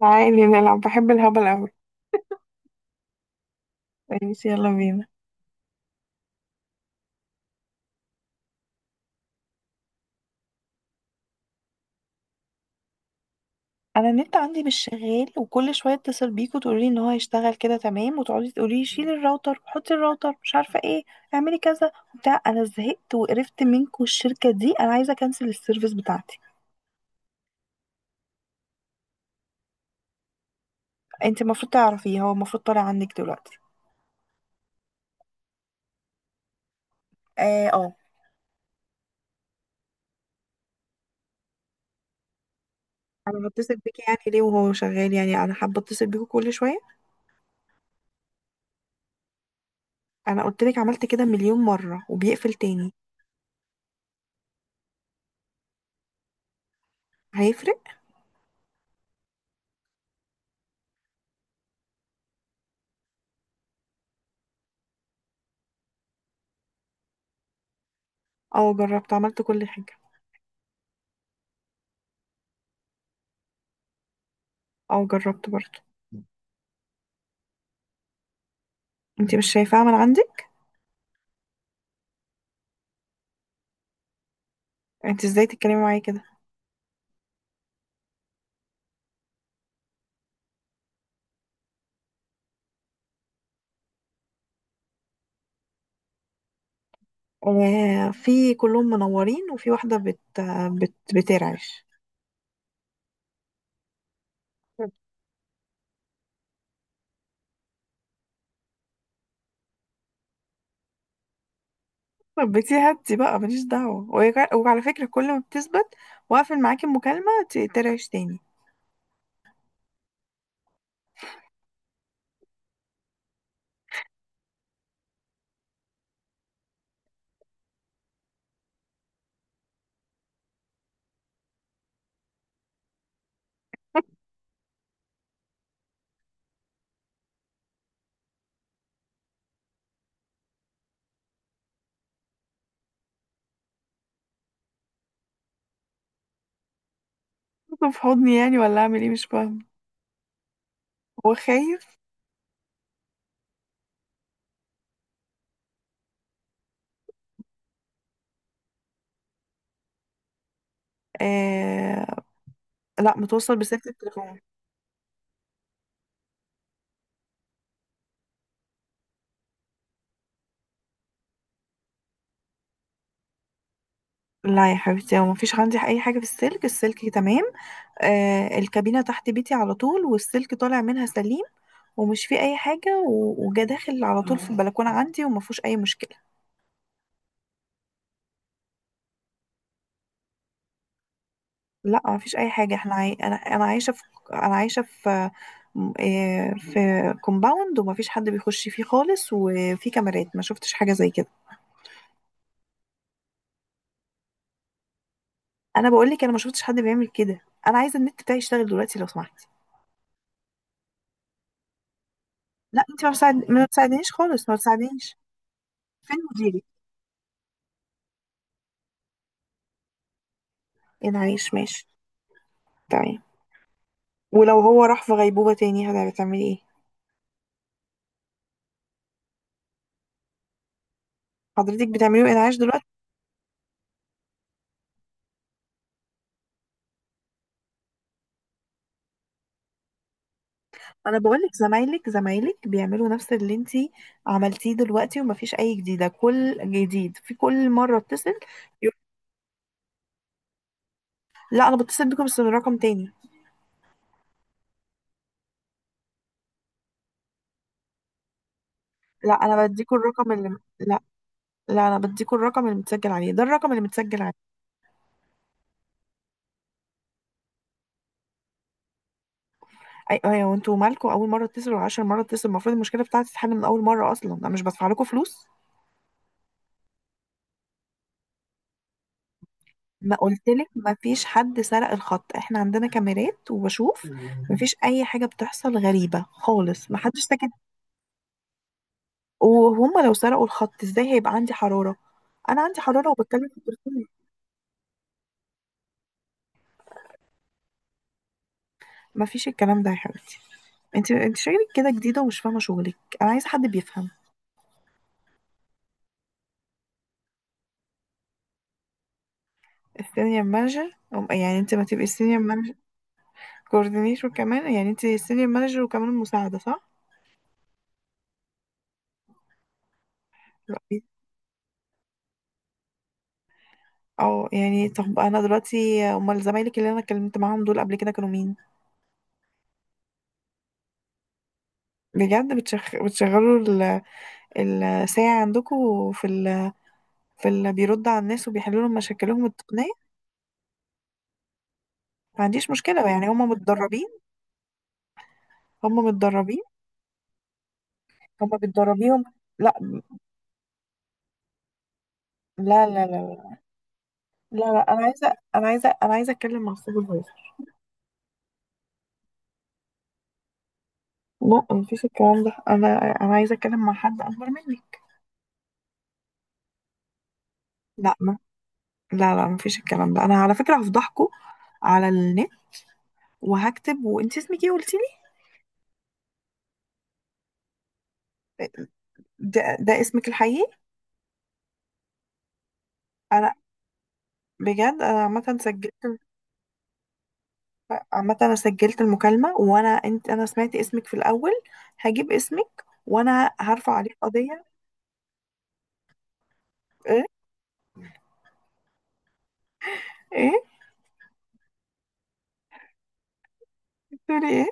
تعالي نلعب، بحب الهبل أوي. ماشي يلا بينا. أنا النت عندي مش شغال، وكل شوية اتصل بيك وتقولي إن هو هيشتغل كده تمام، وتقعدي تقولي شيلي الراوتر وحطي الراوتر، مش عارفة ايه، اعملي كذا وبتاع. أنا زهقت وقرفت منكم الشركة دي، أنا عايزة أكنسل السيرفيس بتاعتي. أنت المفروض تعرفيه، هو المفروض طالع عندك دلوقتي. اه، اه. انا بتصل بيك يعني ليه وهو شغال؟ يعني انا حابه اتصل بيكوا كل شويه؟ انا قلت لك عملت كده مليون مره وبيقفل تاني. هيفرق؟ اه جربت، عملت كل حاجه. اه جربت برضه. انت مش شايفاها من عندك؟ انت ازاي تتكلمي معايا كده؟ آه، في كلهم منورين، وفي واحده بت بت بترعش. طب بتي هاتي بقى، ماليش دعوه، وعلى فكره كل ما بتثبت واقفل معاكي المكالمه ترعش تاني. طب في حضني يعني ولا اعمل ايه؟ مش فاهمه، هو خايف. آه. لا، متوصل بسلك التليفون. لا يا حبيبتي، هو مفيش عندي اي حاجه، في السلك، السلك تمام. آه، الكابينه تحت بيتي على طول، والسلك طالع منها سليم، ومش فيه اي حاجه، وجا داخل على طول في البلكونه عندي، وما فيهوش اي مشكله. لا، ما فيش اي حاجه، انا عايشه في انا عايشه في م- إيه، في كومباوند، وما فيش حد بيخش فيه خالص، وفي كاميرات ما شفتش حاجه زي كده. انا بقول لك، انا ما شفتش حد بيعمل كده. انا عايزه النت بتاعي يشتغل دلوقتي لو سمحتي. لا، انت ما بتساعدنيش خالص، ما بتساعدنيش. فين مديري؟ انعاش، ماشي. تمام. ولو هو راح في غيبوبه تاني هتعملي ايه؟ حضرتك بتعمليه انعاش دلوقتي؟ انا بقولك، زمايلك بيعملوا نفس اللي انتي عملتيه دلوقتي، ومفيش اي جديده، كل جديد في كل مره اتصل. يقول. لا، انا بتصل بيكم بس من رقم تاني. لا، انا بديكوا الرقم اللي... لا، لا، انا بديكوا الرقم اللي متسجل عليه، ده الرقم اللي متسجل عليه. اي ايوه، وانتوا مالكوا؟ اول مره اتصل وعشر مره اتصل، المفروض المشكله بتاعتي تتحل من اول مره، اصلا انا مش بدفع لكم فلوس. ما قلتلك مفيش حد سرق الخط، احنا عندنا كاميرات وبشوف، مفيش اي حاجه بتحصل غريبه خالص، محدش ساكت. وهم لو سرقوا الخط ازاي هيبقى عندي حرارة؟ انا عندي حرارة وبتكلم في التليفون. مفيش الكلام ده يا حبيبتي، انت شغلك كده جديدة ومش فاهمة شغلك. انا عايزة حد بيفهم. السينيور مانجر يعني انت ما تبقي السينيور مانجر كوردينيتور كمان، يعني انت السينيور مانجر وكمان المساعدة، صح؟ دلوقتي؟ اه يعني، طب انا دلوقتي امال زمايلك اللي انا اتكلمت معاهم دول قبل كده كانوا مين؟ بجد بتشغلوا ال... الساعة عندكم في ال... في اللي بيرد على الناس وبيحلوا لهم مشاكلهم التقنية؟ ما عنديش مشكلة، يعني هم متدربين. هم متدربين. هم بتدربيهم؟ لا، لا، لا. لا، لا، لا، انا عايزة اتكلم مع السوبرفايزر. لا مفيش الكلام ده، انا انا عايزة اتكلم مع حد اكبر منك. لا ما لا، لا، مفيش الكلام ده، انا على فكرة هفضحكوا على النت وهكتب. وانت اسمك ايه قلتي لي؟ ده اسمك الحقيقي؟ انا بجد انا عامة سجلت. عامة انا سجلت المكالمة، وانا انت انا سمعت اسمك في الاول، هجيب اسمك وانا هرفع عليك قضية. ايه؟ ايه؟ بتقولي ايه؟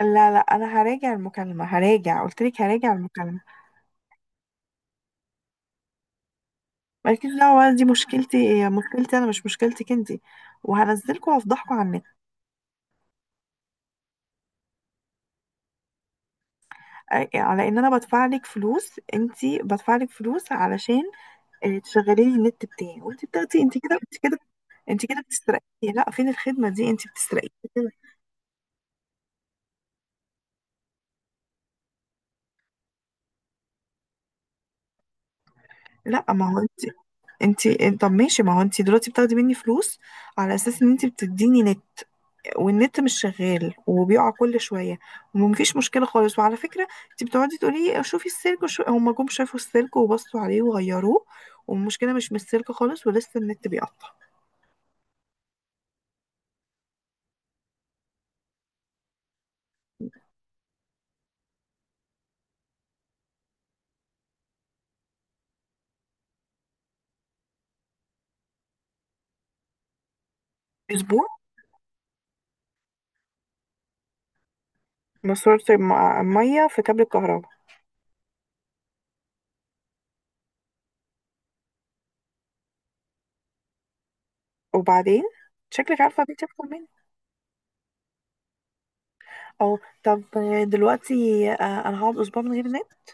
لا، لا، انا هراجع المكالمه، هراجع، قلت لك هراجع المكالمه. مالكيش دعوه بقى، دي مشكلتي، هي مشكلتي انا مش مشكلتك انت، وهنزلكوا وهفضحكوا على النت. على ان انا بدفع لك فلوس، انت بدفع لك فلوس علشان تشغلي لي النت بتاعي، وانت بتاخدي، انت كده، انت كده، انت كده بتسرقي. لا، فين الخدمه دي؟ انت بتسرقي كده. لا، ما هو انت، انتي طب ماشي، ما هو انتي دلوقتي بتاخدي مني فلوس على اساس ان انتي بتديني نت، والنت مش شغال وبيقع كل شويه، ومفيش مشكله خالص، وعلى فكره انتي بتقعدي تقولي شوفي السلك، هما جم شافوا السلك وبصوا عليه وغيروه، والمشكله مش من السلك خالص، ولسه النت بيقطع. اسبوع؟ مصرف ميه في كابل الكهرباء؟ وبعدين؟ شكلك عارفة بنتي أكتر مني. اه. طب. دلوقتي. أنا هقعد أسبوع من غير نت؟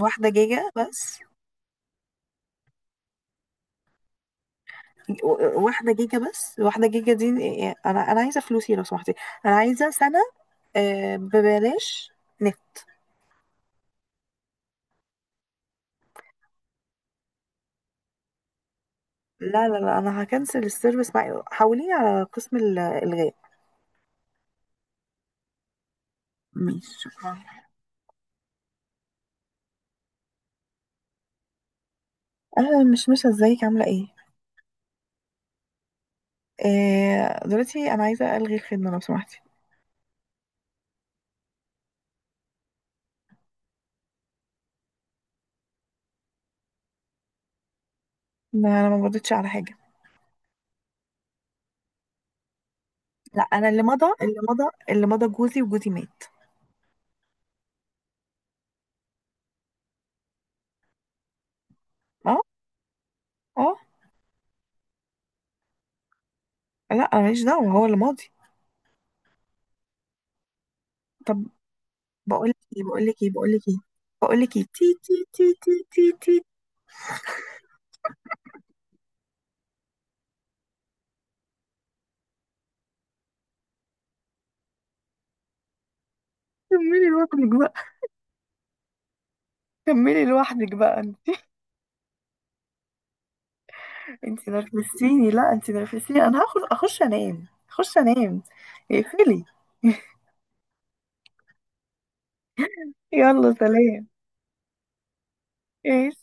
1 جيجا بس؟ 1 جيجا بس؟ 1 جيجا دي؟ أنا عايزة فلوسي لو سمحتي. أنا عايزة سنة، ببلاش نت. لا، لا، لا، أنا هكنسل السيرفيس معي، حوليني على قسم الإلغاء. ماشي، شكرا. أنا مش مش ازيك عاملة ايه؟ دلوقتي أنا عايزة ألغي الخدمة لو سمحتي. لا، أنا ما مضيتش على حاجة. لا، أنا اللي مضى، اللي مضى، اللي مضى جوزي، وجوزي مات. اه، اه. لا، انا ماليش دعوة، هو اللي ماضي. طب، بقول لك ايه، بقول لك ايه، بقول لك ايه، بقول لك ايه، تي، تي، تي، تي، تي، تي. كملي لوحدك بقى، كملي لوحدك بقى انت. انت نرفزتيني، لا، انت نرفزتيني، انا هاخد اخش انام، اخش انام. اقفلي. يلا سلام. ايش؟